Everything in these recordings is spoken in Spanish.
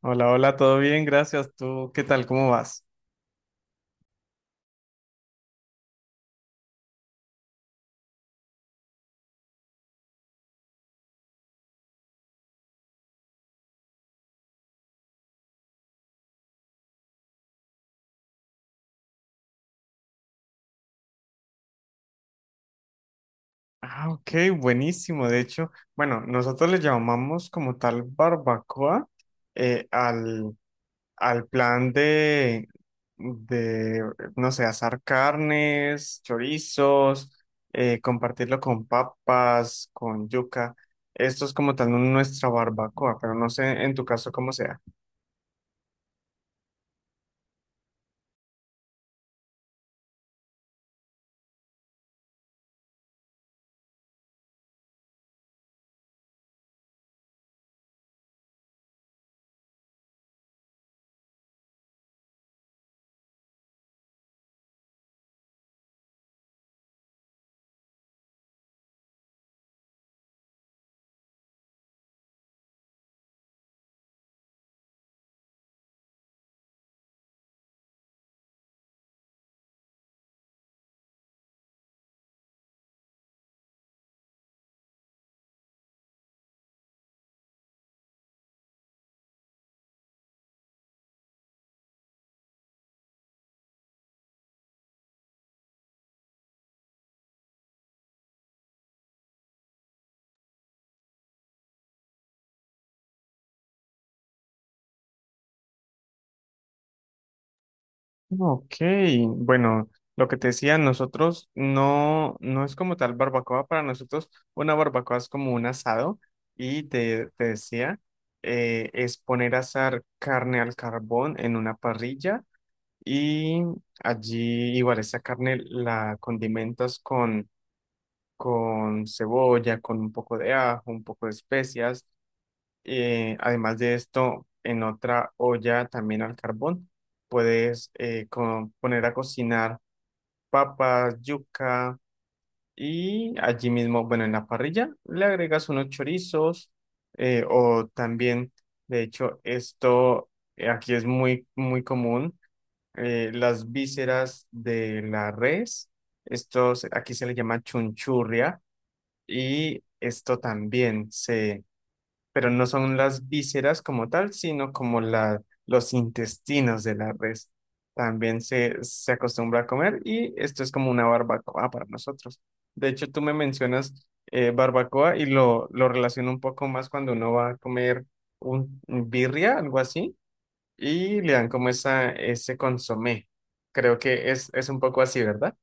Hola, hola, todo bien, gracias. ¿Tú qué tal? ¿Cómo vas? Ah, ok, buenísimo. De hecho, bueno, nosotros le llamamos como tal barbacoa al, al plan de, no sé, asar carnes, chorizos, compartirlo con papas, con yuca. Esto es como tal nuestra barbacoa, pero no sé en tu caso cómo sea. Ok, bueno, lo que te decía, nosotros no, no es como tal barbacoa, para nosotros una barbacoa es como un asado y te decía, es poner a asar carne al carbón en una parrilla y allí igual esa carne la condimentas con cebolla, con un poco de ajo, un poco de especias, además de esto, en otra olla también al carbón, puedes poner a cocinar papas, yuca y allí mismo, bueno, en la parrilla le agregas unos chorizos, o también, de hecho, esto aquí es muy, muy común, las vísceras de la res, aquí se le llama chunchurria y esto también se pero no son las vísceras como tal, sino como la, los intestinos de la res. También se acostumbra a comer y esto es como una barbacoa para nosotros. De hecho, tú me mencionas barbacoa y lo relaciono un poco más cuando uno va a comer un birria, algo así, y le dan como esa, ese consomé. Creo que es un poco así, ¿verdad?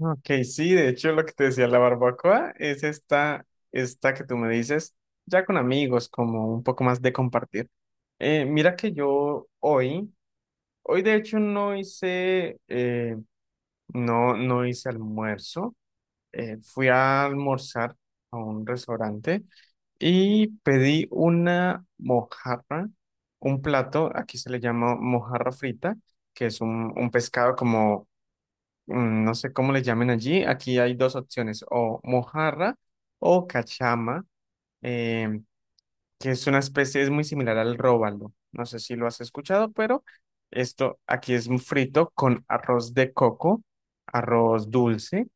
Ok, sí, de hecho lo que te decía, la barbacoa es esta, esta que tú me dices, ya con amigos, como un poco más de compartir. Mira que yo hoy, hoy de hecho no hice, no, no hice almuerzo, fui a almorzar a un restaurante y pedí una mojarra, un plato, aquí se le llama mojarra frita, que es un pescado como mm, no sé cómo le llamen allí. Aquí hay dos opciones, o mojarra o cachama, em, que es una especie, es muy similar al róbalo. No sé si lo has escuchado, pero esto aquí es un frito con arroz de coco, arroz dulce.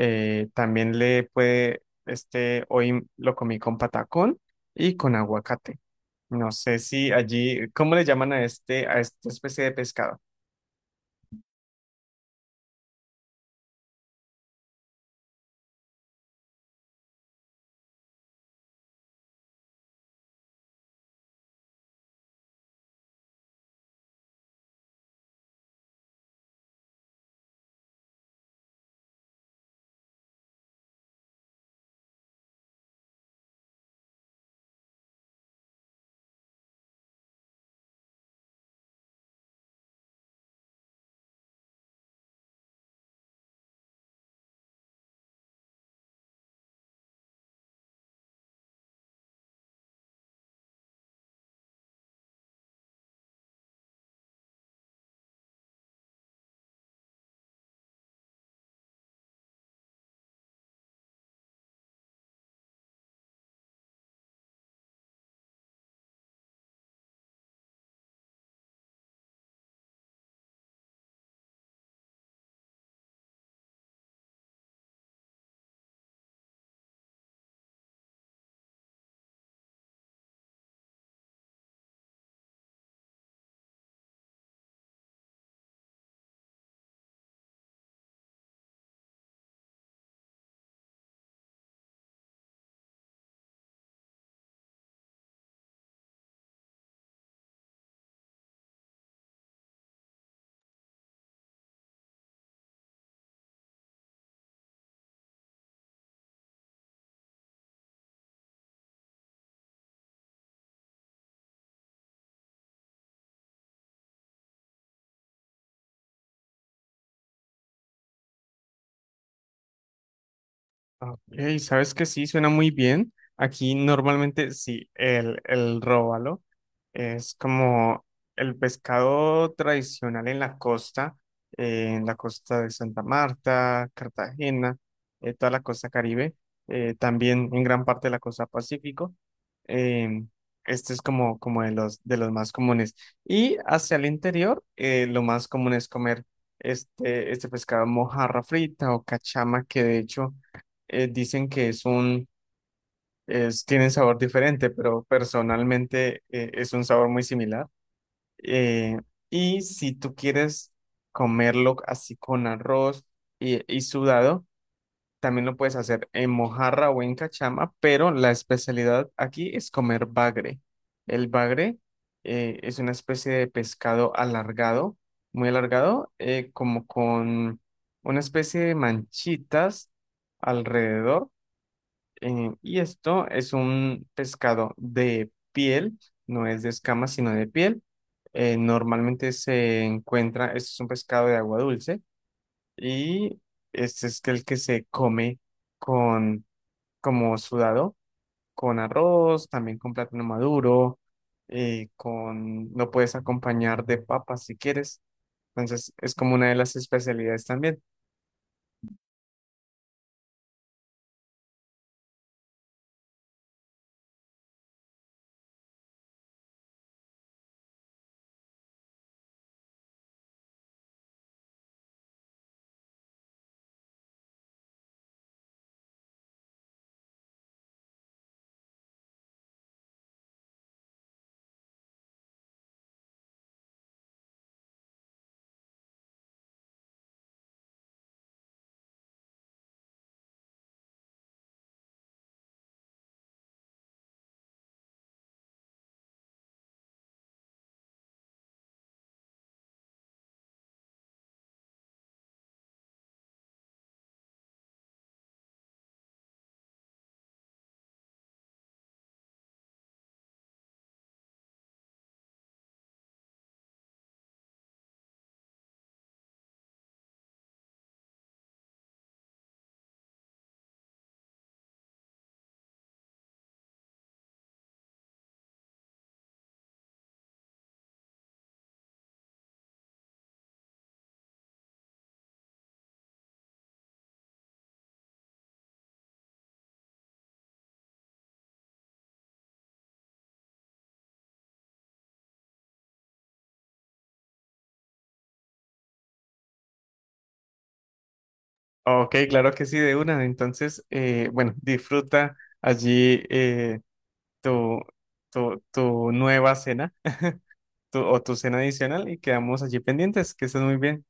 También le puede, este, hoy lo comí con patacón y con aguacate. No sé si allí, ¿cómo le llaman a este, a esta especie de pescado? Ah, ok, sabes que sí, suena muy bien. Aquí normalmente sí, el róbalo es como el pescado tradicional en la costa de Santa Marta, Cartagena, toda la costa Caribe, también en gran parte de la costa Pacífico. Eh, este es como, como de los más comunes. Y hacia el interior, lo más común es comer este, este pescado mojarra frita o cachama, que de hecho dicen que es un, es, tienen sabor diferente, pero personalmente es un sabor muy similar. Eh, y si tú quieres comerlo así con arroz y sudado, también lo puedes hacer en mojarra o en cachama, pero la especialidad aquí es comer bagre. El bagre es una especie de pescado alargado, muy alargado, como con una especie de manchitas alrededor, y esto es un pescado de piel, no es de escamas, sino de piel. Normalmente se encuentra, este es un pescado de agua dulce y este es el que se come con, como sudado, con arroz, también con plátano maduro, con, lo puedes acompañar de papas si quieres. Entonces es como una de las especialidades también. Ok, claro que sí, de una. Entonces, bueno, disfruta allí. Tu, tu, tu nueva cena o tu cena adicional y quedamos allí pendientes. Que estés muy bien.